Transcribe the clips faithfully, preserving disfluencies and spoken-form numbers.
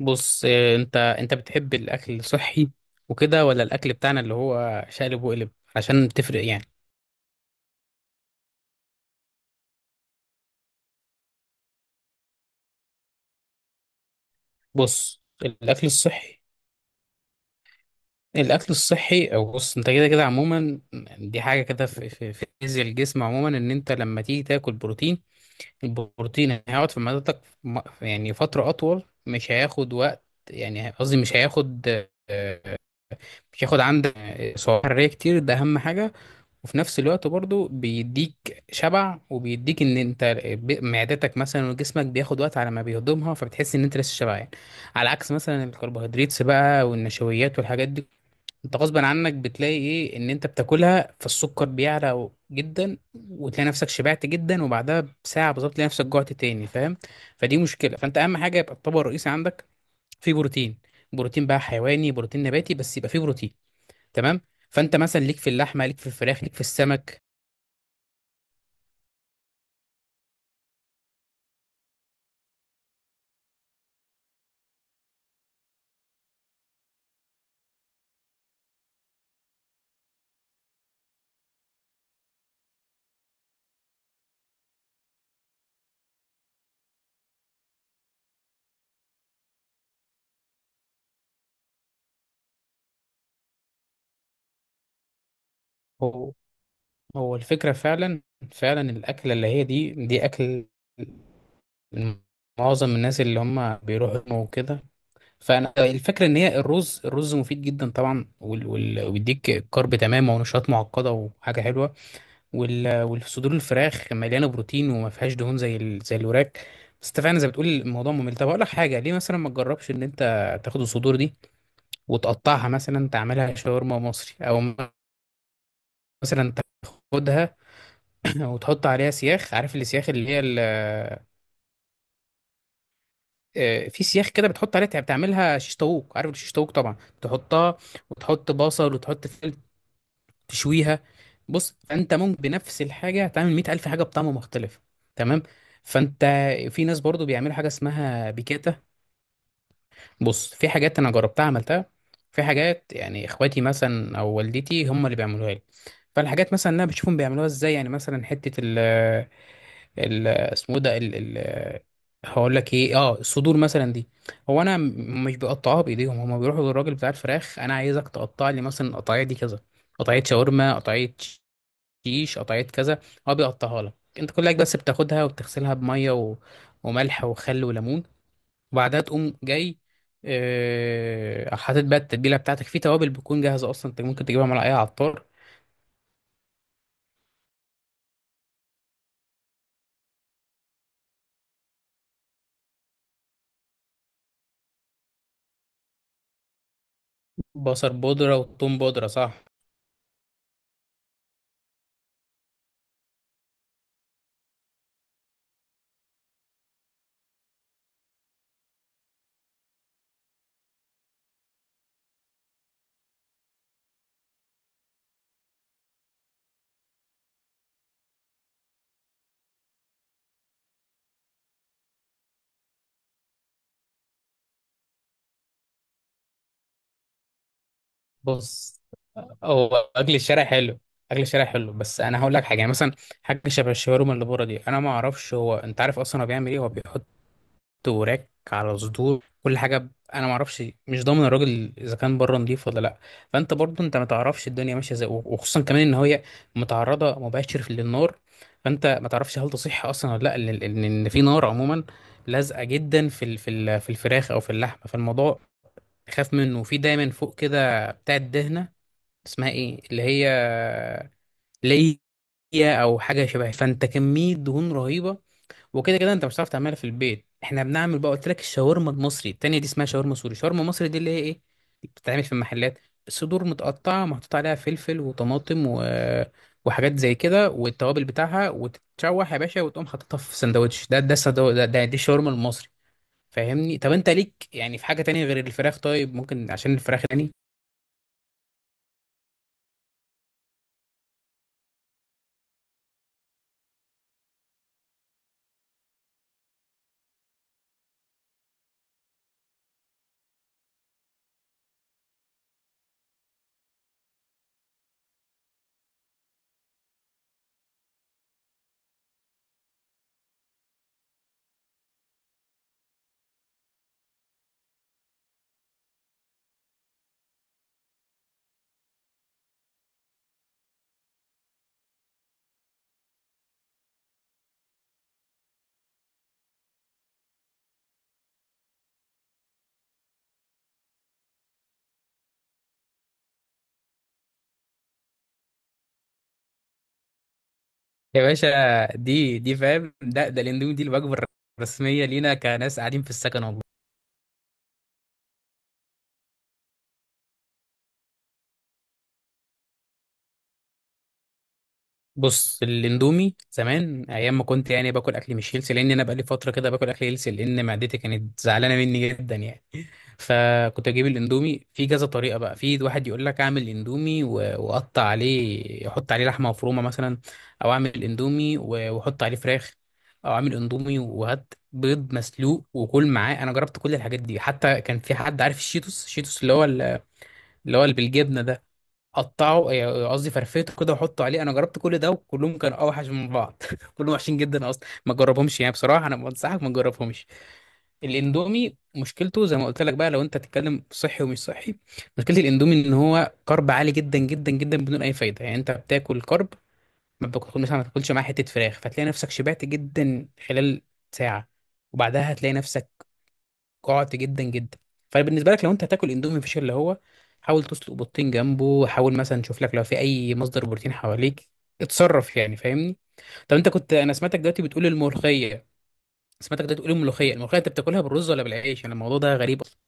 بص، آه، انت انت بتحب الاكل الصحي وكده، ولا الاكل بتاعنا اللي هو شقلب وقلب، عشان تفرق يعني؟ بص الاكل الصحي الاكل الصحي او بص، انت كده كده عموما. دي حاجه كده في في في فيزياء الجسم عموما، ان انت لما تيجي تاكل بروتين، البروتين هيقعد في معدتك م- يعني فتره اطول، مش هياخد وقت. يعني قصدي مش هياخد آه، مش هياخد عندك آه، سعرات حراريه كتير، ده اهم حاجه. وفي نفس الوقت برضو بيديك شبع، وبيديك ان انت ب- معدتك مثلا وجسمك بياخد وقت على ما بيهضمها، فبتحس ان انت لسه شبعان. على عكس مثلا الكربوهيدرات بقى والنشويات والحاجات دي، انت غصبا عنك بتلاقي ايه ان انت بتاكلها، فالسكر بيعلى جدا وتلاقي نفسك شبعت جدا، وبعدها بساعة بالظبط تلاقي نفسك جوعت تاني، فاهم؟ فدي مشكلة. فانت اهم حاجة يبقى الطبق الرئيسي عندك فيه بروتين، بروتين بقى حيواني بروتين نباتي، بس يبقى فيه بروتين، تمام؟ فانت مثلا ليك في اللحمة، ليك في الفراخ، ليك في السمك. هو هو الفكرة فعلا، فعلا الأكلة اللي هي دي دي أكل معظم الناس اللي هم بيروحوا جيم وكده. فأنا الفكرة إن هي الرز الرز مفيد جدا طبعا، وال- وال- وبيديك كارب، تمام، ونشاط معقدة وحاجة حلوة. وال- والصدور الفراخ مليانة بروتين، وما فيهاش دهون زي ال- زي الوراك. بس أنت فعلا زي بتقول، الموضوع ممل. طب أقول لك حاجة، ليه مثلا ما تجربش إن أنت تاخد الصدور دي وتقطعها، مثلا تعملها شاورما مصري، أو مثلا تاخدها آه، وتحط عليها سياخ، عارف السياخ اللي هي ال- آه، في سياخ كده بتحط عليها، بتعملها شيش طاووق، عارف الشيش طاووق طبعا. تحطها، وتحط بصل وتحط فلفل، تشويها. بص، فانت ممكن بنفس الحاجه تعمل مية ألف حاجه بطعم مختلف، تمام؟ فانت في ناس برضو بيعملوا حاجه اسمها بيكاتا. بص في حاجات انا جربتها عملتها، في حاجات يعني اخواتي مثلا او والدتي هم اللي بيعملوها لي. فالحاجات مثلا انا بشوفهم بيعملوها ازاي، يعني مثلا حته ال ال اسمه إيه ده، ال ال هقول لك ايه، اه الصدور مثلا دي. هو انا م- مش بقطعها، بايديهم هم بيروحوا للراجل بتاع الفراخ، انا عايزك تقطع لي مثلا القطعيه دي كذا، قطعيه شاورما، قطعيه شيش، قطعيه كذا. هو بيقطعها لك انت كلك، بس بتاخدها وبتغسلها بميه و... وملح وخل وليمون، وبعدها تقوم جاي آه، حاطط بقى التتبيله بتاعتك في توابل، بتكون جاهزه اصلا، انت ممكن تجيبها من على اي عطار. بصل بودره وثوم بودره، صح؟ بص، هو اكل الشارع حلو. اكل الشارع حلو، بس انا هقول لك حاجه. يعني مثلا حاجه شبه الشاورما اللي بره دي، انا ما اعرفش هو انت عارف اصلا هو بيعمل ايه، هو بيحط وراك على صدور، كل حاجه ب- انا ما اعرفش، مش ضامن الراجل اذا كان بره نضيف ولا لا. فانت برضو انت ما تعرفش الدنيا ماشيه ازاي، وخصوصا كمان ان هي متعرضه مباشر للنار، فانت ما تعرفش هل تصح اصلا ولا لا ان ان إن في نار عموما لازقه جدا في ال- في ال- في الفراخ او في اللحمه، فالموضوع خاف منه. وفي دايما فوق كده بتاع الدهنه، اسمها ايه اللي هي ليا؟ او حاجه شبه، فانت كميه دهون رهيبه. وكده كده انت مش هتعرف تعملها في البيت. احنا بنعمل بقى، قلت لك الشاورما المصري. التانية دي اسمها شاورما سوري، شاورما مصري دي اللي هي ايه، بتتعمل في المحلات. الصدور متقطعة، محطوط عليها فلفل وطماطم و... وحاجات زي كده، والتوابل بتاعها، وتتشوح يا باشا، وتقوم حاططها في سندوتش ده ده السندو... ده, ده دي الشاورما المصري، فاهمني؟ طب انت ليك يعني في حاجة تانية غير الفراخ؟ طيب ممكن عشان الفراخ تاني. يا باشا، دي دي فاهم، ده ده الاندومي دي الوجبة الرسمية لينا كناس قاعدين في السكن، والله. بص الاندومي زمان، ايام ما كنت يعني باكل اكل مش هيلسي، لان انا بقالي فتره كده باكل اكل هيلسي، لان معدتي كانت زعلانه مني جدا يعني. فكنت اجيب الاندومي في كذا طريقه بقى، في واحد يقول لك اعمل اندومي و- واقطع عليه احط عليه لحمه مفرومه مثلا، او اعمل اندومي و- واحط عليه فراخ، او اعمل اندومي وهات بيض مسلوق وكل معاه. انا جربت كل الحاجات دي، حتى كان في حد عارف الشيتوس الشيتوس اللي هو ال- اللي هو اللي بالجبنه ده، قطعه، يعني قصدي فرفيته كده وحطه عليه. انا جربت كل ده، وكلهم كانوا اوحش من بعض كلهم وحشين جدا، اصلا ما تجربهمش يعني بصراحه، انا بنصحك ما تجربهمش. الاندومي مشكلته زي ما قلت لك بقى، لو انت تتكلم صحي ومش صحي، مشكله الاندومي ان هو كارب عالي جدا جدا جدا بدون اي فايده، يعني انت بتاكل كارب، ما بتاكل مثلا، ما تاكلش معاه حته فراخ، فتلاقي نفسك شبعت جدا خلال ساعه، وبعدها هتلاقي نفسك قعدت جدا جدا. فبالنسبه لك، لو انت هتاكل اندومي فيش اللي هو، حاول تسلق بيضتين جنبه، حاول مثلا تشوف لك لو في اي مصدر بروتين حواليك، اتصرف يعني، فاهمني؟ طب انت كنت انا سمعتك دلوقتي بتقول الملوخيه سمعتك دلوقتي بتقول الملوخيه الملوخيه انت بتاكلها بالرز ولا بالعيش؟ انا الموضوع ده غريب اصلا.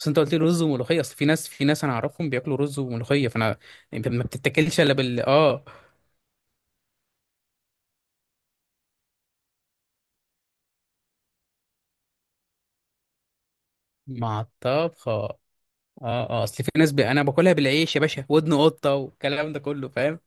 بس انت قلت لي رز وملوخيه، اصل في ناس في ناس انا اعرفهم بياكلوا رز وملوخيه، فانا انت ما بتتاكلش الا بال اه مع الطبخه، اه، اه، اصل في ناس ب... انا باكلها بالعيش يا باشا، ودن قطه والكلام ده كله، فاهم؟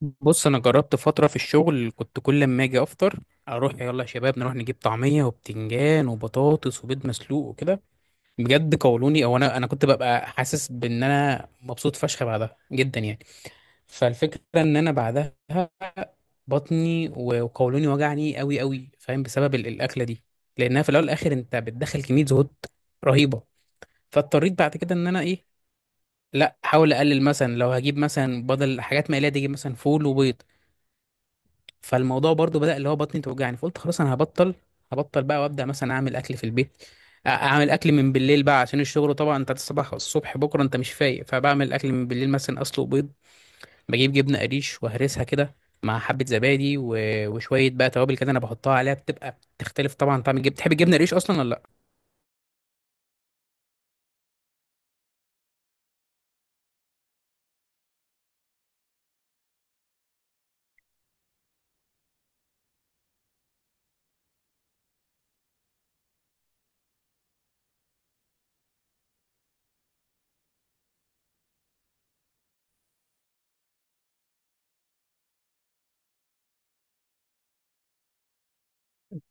بص انا جربت فتره في الشغل، كنت كل ما اجي افطر، اروح يلا يا شباب نروح نجيب طعميه وبتنجان وبطاطس وبيض مسلوق وكده. بجد قولوني، او انا انا كنت ببقى حاسس بان انا مبسوط فشخ بعدها جدا يعني. فالفكره ان انا بعدها بطني و- وقولوني وجعني قوي قوي، فاهم؟ بسبب ال- الاكله دي، لانها في الاول والاخر انت بتدخل كميه زهود رهيبه. فاضطريت بعد كده ان انا ايه، لا احاول اقلل، مثلا لو هجيب مثلا بدل حاجات مقليه دي اجيب مثلا فول وبيض. فالموضوع برضو بدأ اللي هو بطني توجعني، فقلت خلاص انا هبطل هبطل بقى، وابدأ مثلا اعمل اكل في البيت، أ- اعمل اكل من بالليل بقى عشان الشغل، طبعا انت الصبح، الصبح بكره انت مش فايق، فبعمل اكل من بالليل، مثلا اسلق بيض، بجيب جبنه قريش وهرسها كده مع حبه زبادي و... وشويه بقى توابل كده انا بحطها عليها، بتبقى تختلف طبعا طعم الجبنه. بتحب الجبنه قريش اصلا ولا لا؟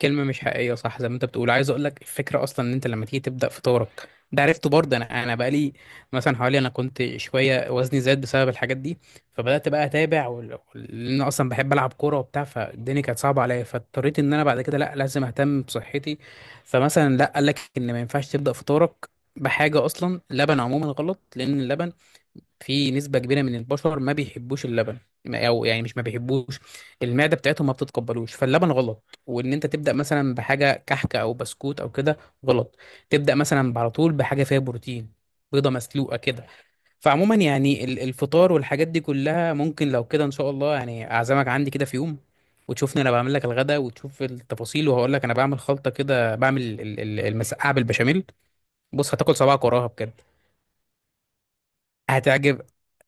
كلمة مش حقيقية، صح؟ زي ما انت بتقول، عايز اقول لك الفكرة اصلا ان انت لما تيجي تبدأ فطارك ده، عرفته برضه انا انا بقالي مثلا حوالي، انا كنت شوية وزني زاد بسبب الحاجات دي، فبدأت بقى اتابع، وال- لان انا اصلا بحب العب كورة وبتاع، فالدنيا كانت صعبة عليا، فاضطريت ان انا بعد كده، لا لازم اهتم بصحتي. فمثلا لا، قال لك ان ما ينفعش تبدأ فطارك بحاجة اصلا لبن، عموما غلط، لان اللبن في نسبة كبيرة من البشر ما بيحبوش اللبن، ما- أو يعني مش ما بيحبوش، المعدة بتاعتهم ما بتتقبلوش، فاللبن غلط، وإن أنت تبدأ مثلا بحاجة كحكة أو بسكوت أو كده غلط، تبدأ مثلا على طول بحاجة فيها بروتين، بيضة مسلوقة كده. فعموما يعني ال- الفطار والحاجات دي كلها ممكن لو كده إن شاء الله، يعني أعزمك عندي كده في يوم وتشوفني أنا بعمل لك الغدا، وتشوف التفاصيل. وهقول لك أنا بعمل خلطة كده، بعمل ال- ال- المسقعة بالبشاميل، بص هتاكل صباعك وراها بجد. هتعجبك،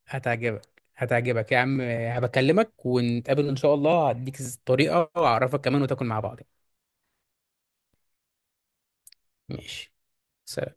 هتعجبك، هتعجبك يا عم، هبكلمك ونتقابل إن شاء الله، هديك الطريقة وأعرفك كمان، وتاكل مع بعض، ماشي، سلام.